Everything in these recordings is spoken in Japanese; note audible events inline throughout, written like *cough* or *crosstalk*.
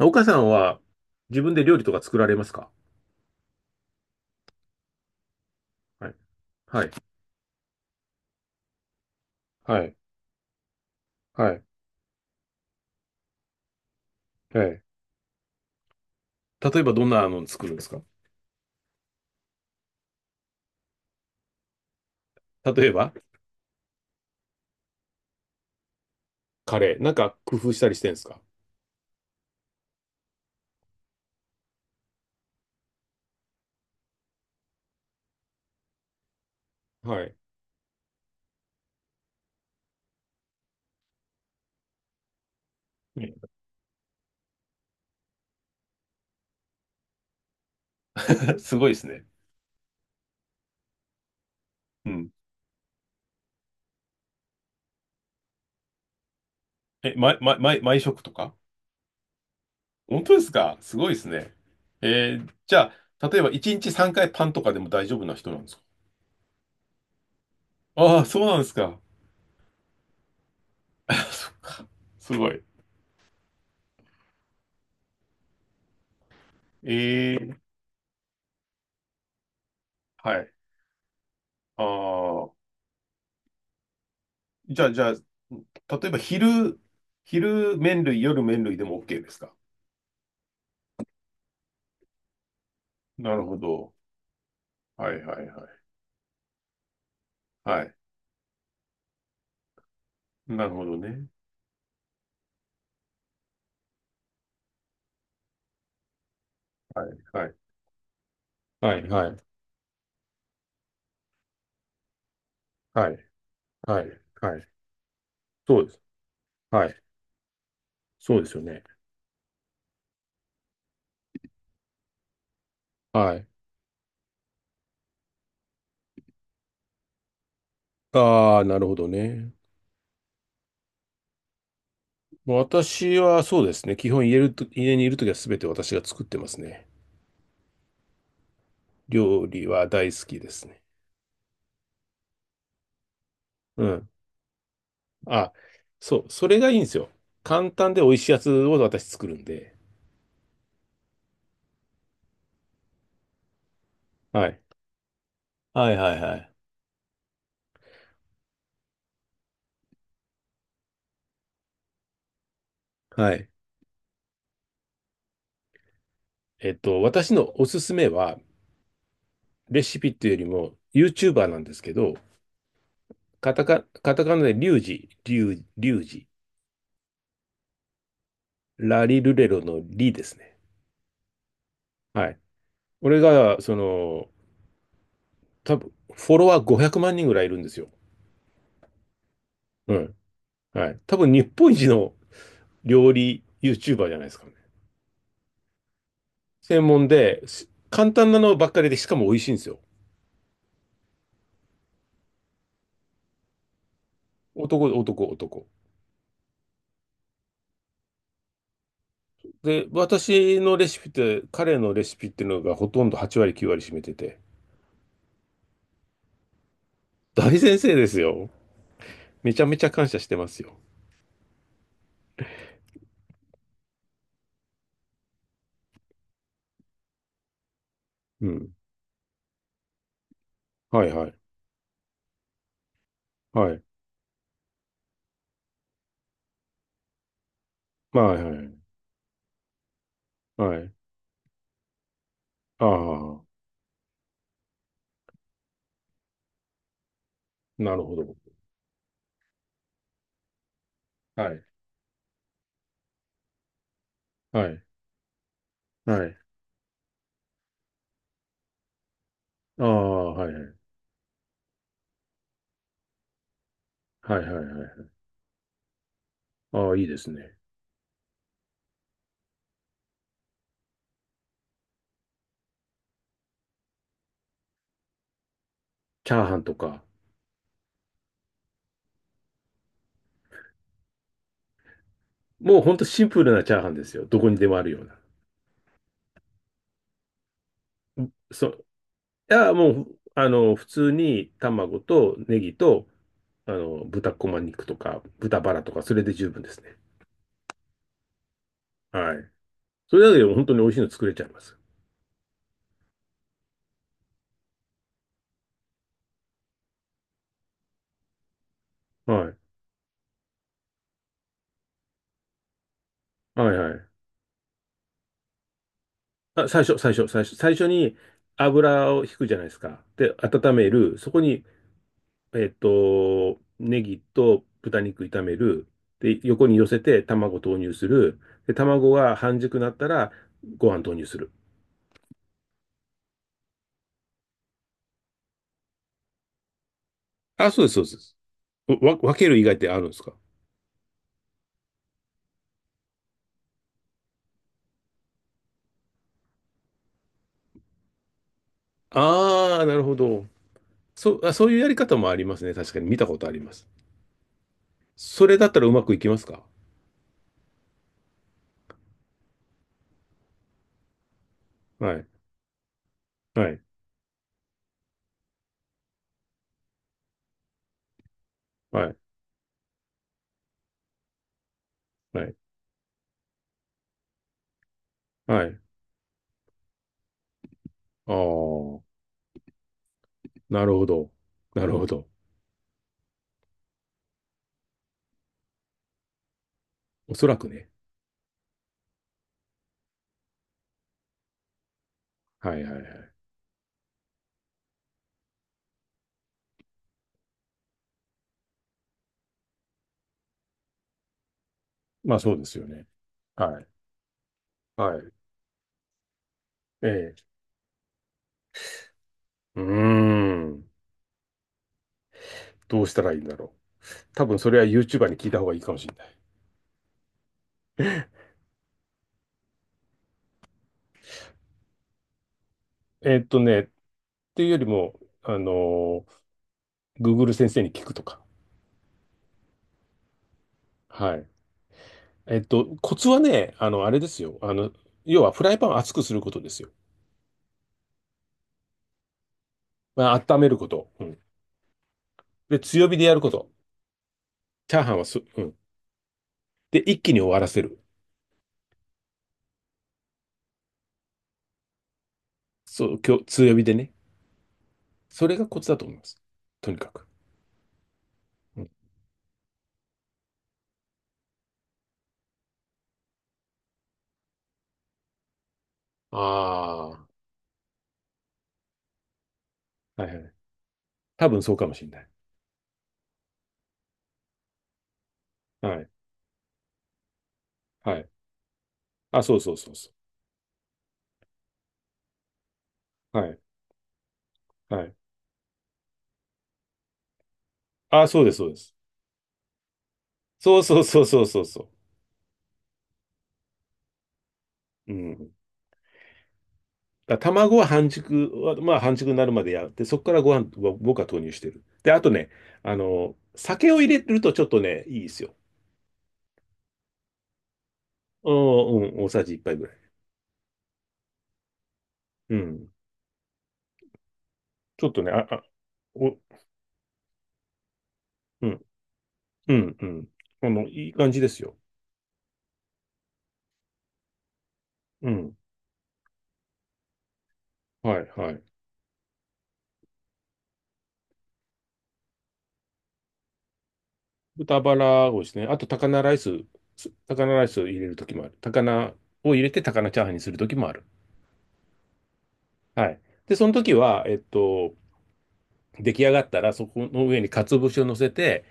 岡さんは自分で料理とか作られますか？はい。はい。はい。はい。はい。例えばどんなの作るんですか？例えばカレー。なんか工夫したりしてるんですか？はい。ね。 *laughs* すごいですね。うん。え、ま、ま、ま、毎食とか。本当ですか？すごいですね。じゃあ、例えば1日3回パンとかでも大丈夫な人なんですか？ああー、そうなんですか。*laughs* そっか。すごい。えーはい。ああ。じゃあ、例えば昼麺類、夜麺類でも OK ですか？なるほど。はいはいはい。はい。なるほどね。はいはい。はい、はい、はい、はい、はい。そうです。はい。そうですよね。はい。ああ、なるほどね。もう私はそうですね。基本家ると、家にいるときはすべて私が作ってますね。料理は大好きですね。うん。あ、そう。それがいいんですよ。簡単で美味しいやつを私作るんで。はい。はいはいはい。はい。私のおすすめは、レシピっていうよりも、YouTuber なんですけど、カタカナでリュウジ、ラリルレロのリですね。はい。俺が、多分フォロワー500万人ぐらいいるんですよ。うん。はい。多分日本一の料理 YouTuber じゃないですかね。専門で、す。簡単なのばっかりで、しかも美味しいんですよ。男、男、男。で、私のレシピって、彼のレシピっていうのがほとんど8割、9割占めてて、大先生ですよ。めちゃめちゃ感謝してますよ。うん。はいはい。はい。まあ、はいはい。はい。ああ、なるほど。はい。はい。はい。ああ、はいはい。はいはいはいはい。ああ、いいですね。チャーハンとか。もうほんとシンプルなチャーハンですよ。どこにでもあるような。そう。いや、もう、普通に卵とネギと、豚こま肉とか、豚バラとか、それで十分ですね。はい。それだけでも本当に美味しいの作れちゃいます。はい。はいはい。あ、最初に油を引くじゃないですか。で、温める。そこに、ネギと豚肉炒める。で、横に寄せて卵投入する。で、卵が半熟なったらご飯投入する。あ、そうです、そうです。分ける以外ってあるんですか？ああー、なるほど。そう。あ、そういうやり方もありますね。確かに見たことあります。それだったらうまくいきますか？はい、はい、はい、はい、はい。ああ、なるほど。なるほど。おそらくね。はいはいはい。まあそうですよね。はい。はい。ええ。うーん。どうしたらいいんだろう。多分それは YouTuber に聞いた方がいいかもしれない。っていうよりも、Google 先生に聞くとか。はい。コツはね、あれですよ。要はフライパンを熱くすることですよ。まあ、温めること。うん。で、強火でやること。チャーハンはす、うん。で、一気に終わらせる。そう、今日、強火でね。それがコツだと思います。とにかく。うん、ああ。はいはい。多分そうかもしれない。はい。はい。あ、そうそうそうそう。はい。はい。あ、そうです、そうです。そうそうそうそうそうそう。うん。だから卵は半熟は、まあ半熟になるまでやって、そこからご飯は僕は投入してる。で、あとね、酒を入れるとちょっとね、いいですよ。うん、うん、大さじ1杯ぐらい。うん。ちょっとね、あ、あ、お、うん、うん、うん。いい感じですよ。うん。はい、はい。豚バラをですね、あと高菜ライス、高菜ライスを入れるときもある。高菜を入れて高菜チャーハンにするときもある。はい。で、その時は、出来上がったら、そこの上に鰹節を乗せて、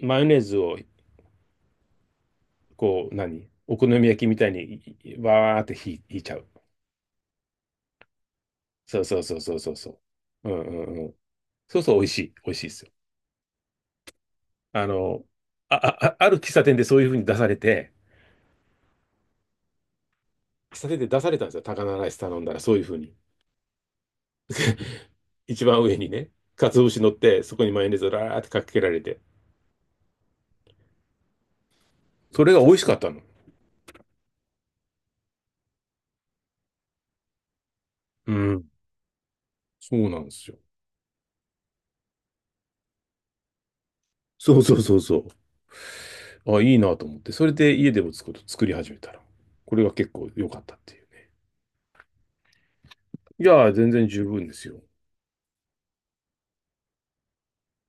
マヨネーズを、こう、何お好み焼きみたいに、わーってひひいちゃう。そうそうそうそうそうそう。うんうんうん。そうそう、美味しい。美味しいですよ。あの、ある喫茶店でそういう風に出されて、喫茶店で出されたんですよ。高菜ライス頼んだら、そういう風に。一番上にね、鰹節乗って、そこにマヨネーズをラーってかけられて。それが美味しかったの。うん。そうなんですよ。そうそうそうそう。あ、いいなと思って、それで家でも作り始めたら、これが結構良かったっていうね。いやー、全然十分ですよ。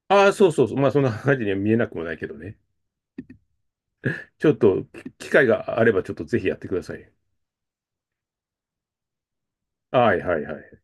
ああ、そうそうそう。まあ、そんな感じには見えなくもないけどね。ちょっと、機会があれば、ちょっとぜひやってください。はいはいはい。